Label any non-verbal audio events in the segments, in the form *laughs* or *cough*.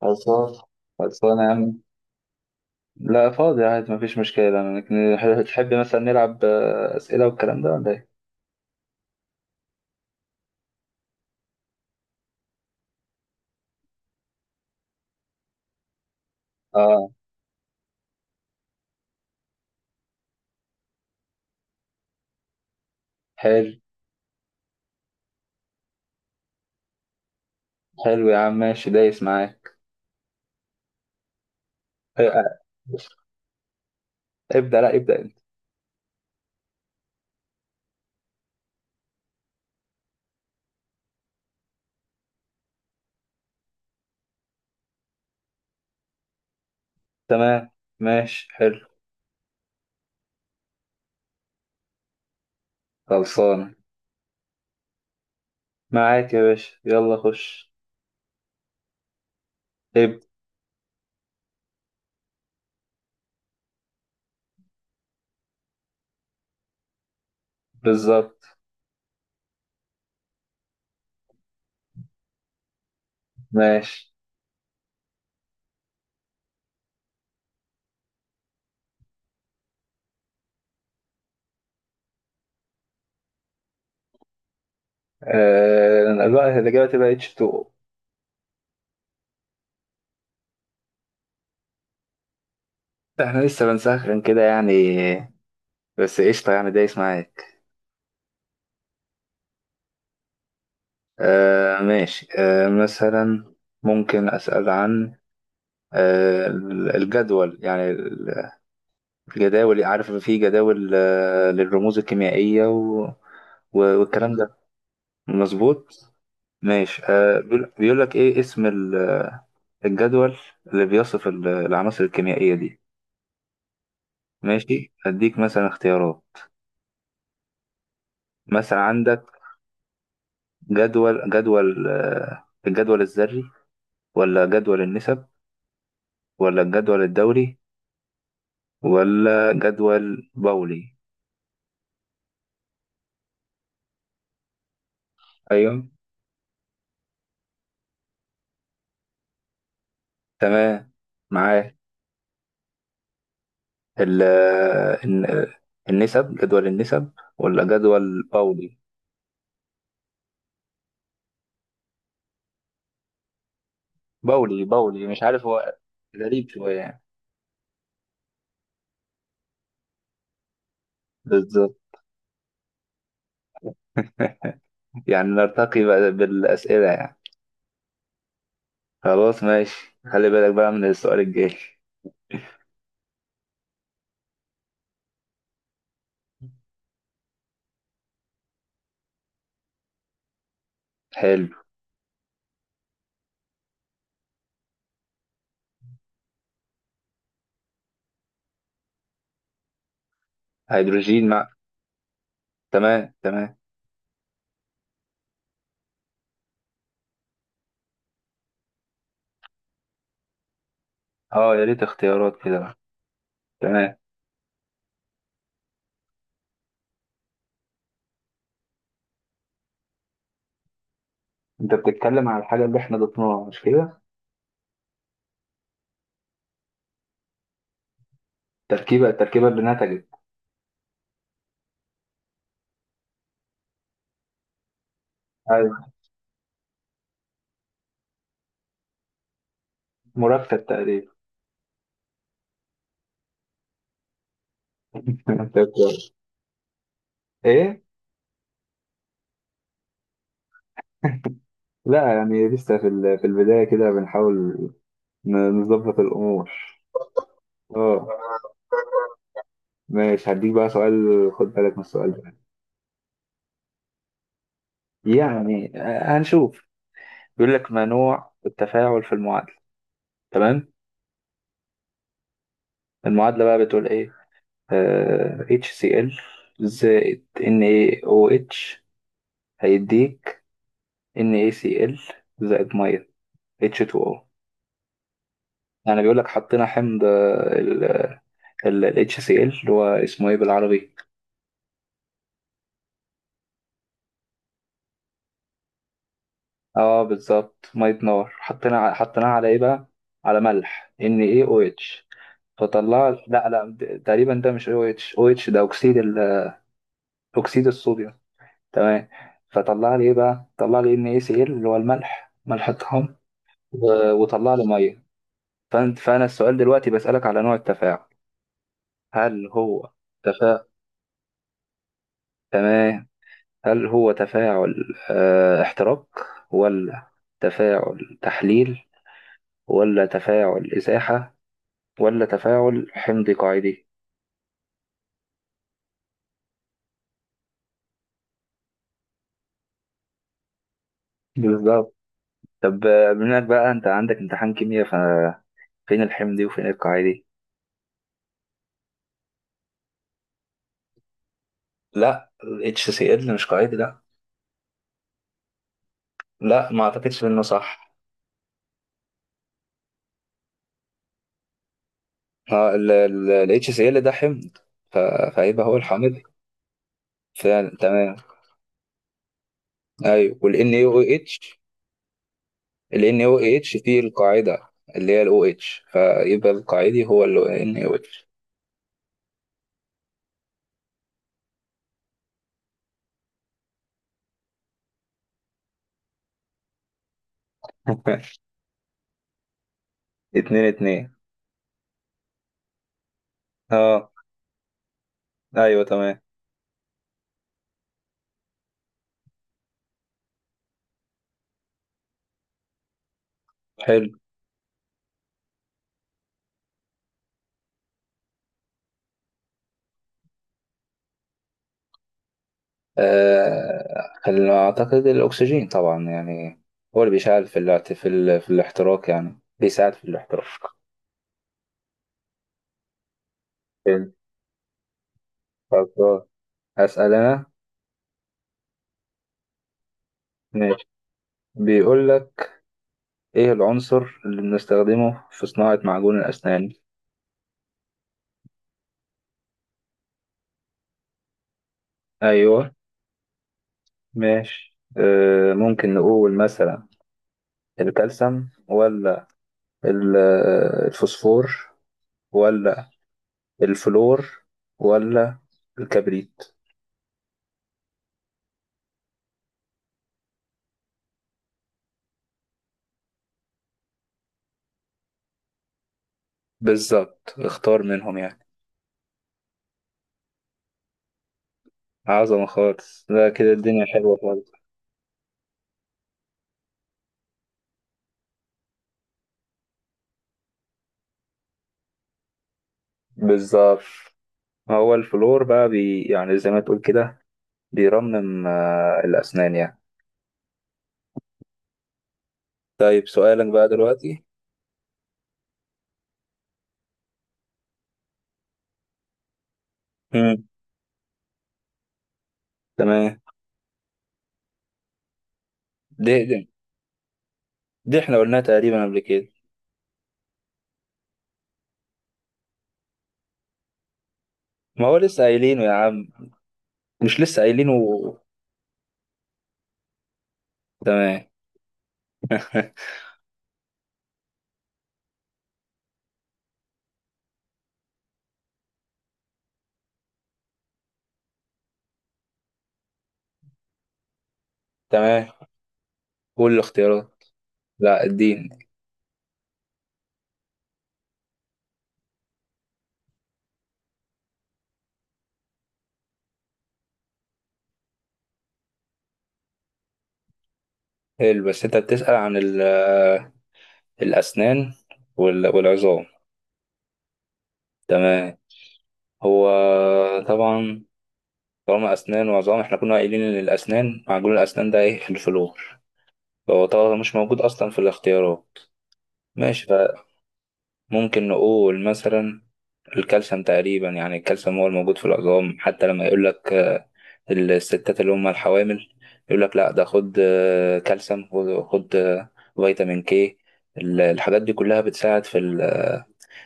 خلصان خلصان يا عم. لا، فاضي عادي، مفيش مشكلة أنا، لكن تحب مثلا نلعب أسئلة والكلام ده ولا إيه؟ آه، حلو. حلو يا عم، ماشي، دايس معاك. آه، آه، ابدأ، لا ابدأ أنت. تمام، ماشي، حلو. خلصان، معاك يا باشا، يلا خش. ابدأ. بالظبط. ماشي الوقت الإجابة تبقى اتش 2 او. احنا لسه بنسخن كده يعني، بس قشطة يعني، دايس معاك. آه، ماشي، مثلا ممكن أسأل عن آه، الجدول يعني. الجداول، عارف، في جداول للرموز الكيميائية والكلام ده. مظبوط. ماشي، بيقول لك ايه اسم الجدول اللي بيصف العناصر الكيميائية دي. ماشي، اديك مثلا اختيارات. مثلا عندك جدول الجدول الذري، ولا جدول النسب، ولا الجدول الدوري، ولا جدول بولي. ايوه، تمام، معاك. ال الن- النسب، جدول النسب، ولا جدول باولي مش عارف، هو غريب شوية يعني. بالظبط. *laughs* يعني نرتقي بقى بالأسئلة يعني. خلاص، ماشي، خلي بالك بقى من السؤال الجاي. حلو. هيدروجين مع. تمام، تمام. اه، يا ريت اختيارات كده بقى. تمام، انت بتتكلم على الحاجة اللي احنا ضفناها، مش كده؟ التركيبة اللي نتجت. ايوه. مركب تقريبا. *laughs* انت كويس. ايه؟ لا، يعني لسه في البداية كده بنحاول نظبط الأمور. اه، ماشي، هديك بقى سؤال، خد بالك من السؤال ده. يعني هنشوف. بيقول لك ما نوع التفاعل في المعادلة. تمام. المعادلة بقى بتقول ايه؟ HCl زائد NaOH هيديك NaCl زائد مية H2O. يعني بيقول لك حطينا حمض ال HCl، اللي هو اسمه ايه بالعربي؟ اه، بالظبط، مية نار. حطينا حطيناه على ايه بقى؟ على ملح NaOH. فطلعت، لا لا، تقريبا ده مش او اتش، او اتش ده اكسيد اكسيد الصوديوم. تمام. فطلع لي ايه بقى؟ طلع لي ان اي سي ال، اللي هو الملح، ملح الطعام. وطلع لي ميه. فانا السؤال دلوقتي بسألك على نوع التفاعل. هل هو تفاعل؟ تمام. هل هو تفاعل احتراق، ولا تفاعل تحليل، ولا تفاعل ازاحه، ولا تفاعل حمض قاعدي؟ بالظبط. طب بما انك بقى انت عندك امتحان كيمياء، فين الحمدي وفين القاعدي؟ لا، ال HCl مش قاعدي، لا. لا، ما اعتقدش انه صح. اه، ال HCl ده حمض. ف- فهيبقى هو الحامض. فعلا، تمام. ايوه، وال NaOH. ال NaOH فيه القاعدة اللي هي ال OH، فيبقى القاعدي هو ال NaOH. *laughs* 2-2. اه، ايوه، تمام. حلو. اعتقد الاكسجين طبعا يعني. هو اللي بيساعد في الاحتراق، يعني بيساعد في الاحتراق. حلو. خلاص، هسأل أنا. ماشي، بيقول لك إيه العنصر اللي بنستخدمه في صناعة معجون الأسنان؟ أيوه. ماشي، ممكن نقول مثلا الكالسيوم، ولا الفوسفور، ولا الفلور، ولا الكبريت. بالظبط، اختار منهم يعني. عظمة خالص، لا كده الدنيا حلوة خالص. بالظبط، هو الفلور بقى بي، يعني زي ما تقول كده بيرمم الأسنان يعني. طيب، سؤالك بقى دلوقتي. مم. تمام. دي, دي, دي احنا قلناها تقريبا قبل كده. ما هو لسه قايلينه يا عم، مش لسه قايلينه. تمام. *laughs* تمام، قول الاختيارات. لا الدين. حلو، بس انت بتسأل عن الأسنان والعظام. تمام. هو طبعا، طالما أسنان وعظام، احنا كنا قايلين إن الأسنان، معجون الأسنان ده ايه؟ الفلور. فهو طبعا مش موجود أصلا في الاختيارات. ماشي. ممكن نقول مثلا الكالسيوم تقريبا، يعني الكالسيوم هو الموجود في العظام. حتى لما يقول لك الستات اللي هم الحوامل، يقول لك لا، ده خد كالسيوم، خد خد، فيتامين كي. الحاجات دي كلها بتساعد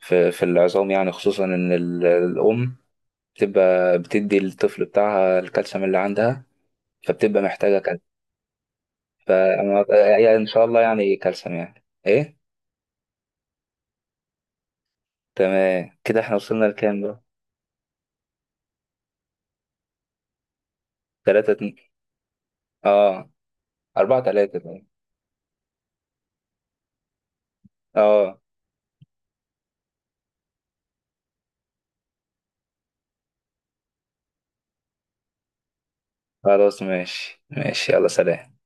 في العظام، يعني خصوصا ان الام بتبقى بتدي الطفل بتاعها الكالسيوم اللي عندها، فبتبقى محتاجة كالسيوم. فأنا يعني إن شاء الله، يعني كالسيوم يعني إيه. تمام، كده إحنا وصلنا لكام بقى؟ 3-2. آه، 4-3 ده. اه. خلاص، ماشي، ماشي، يلا سلام.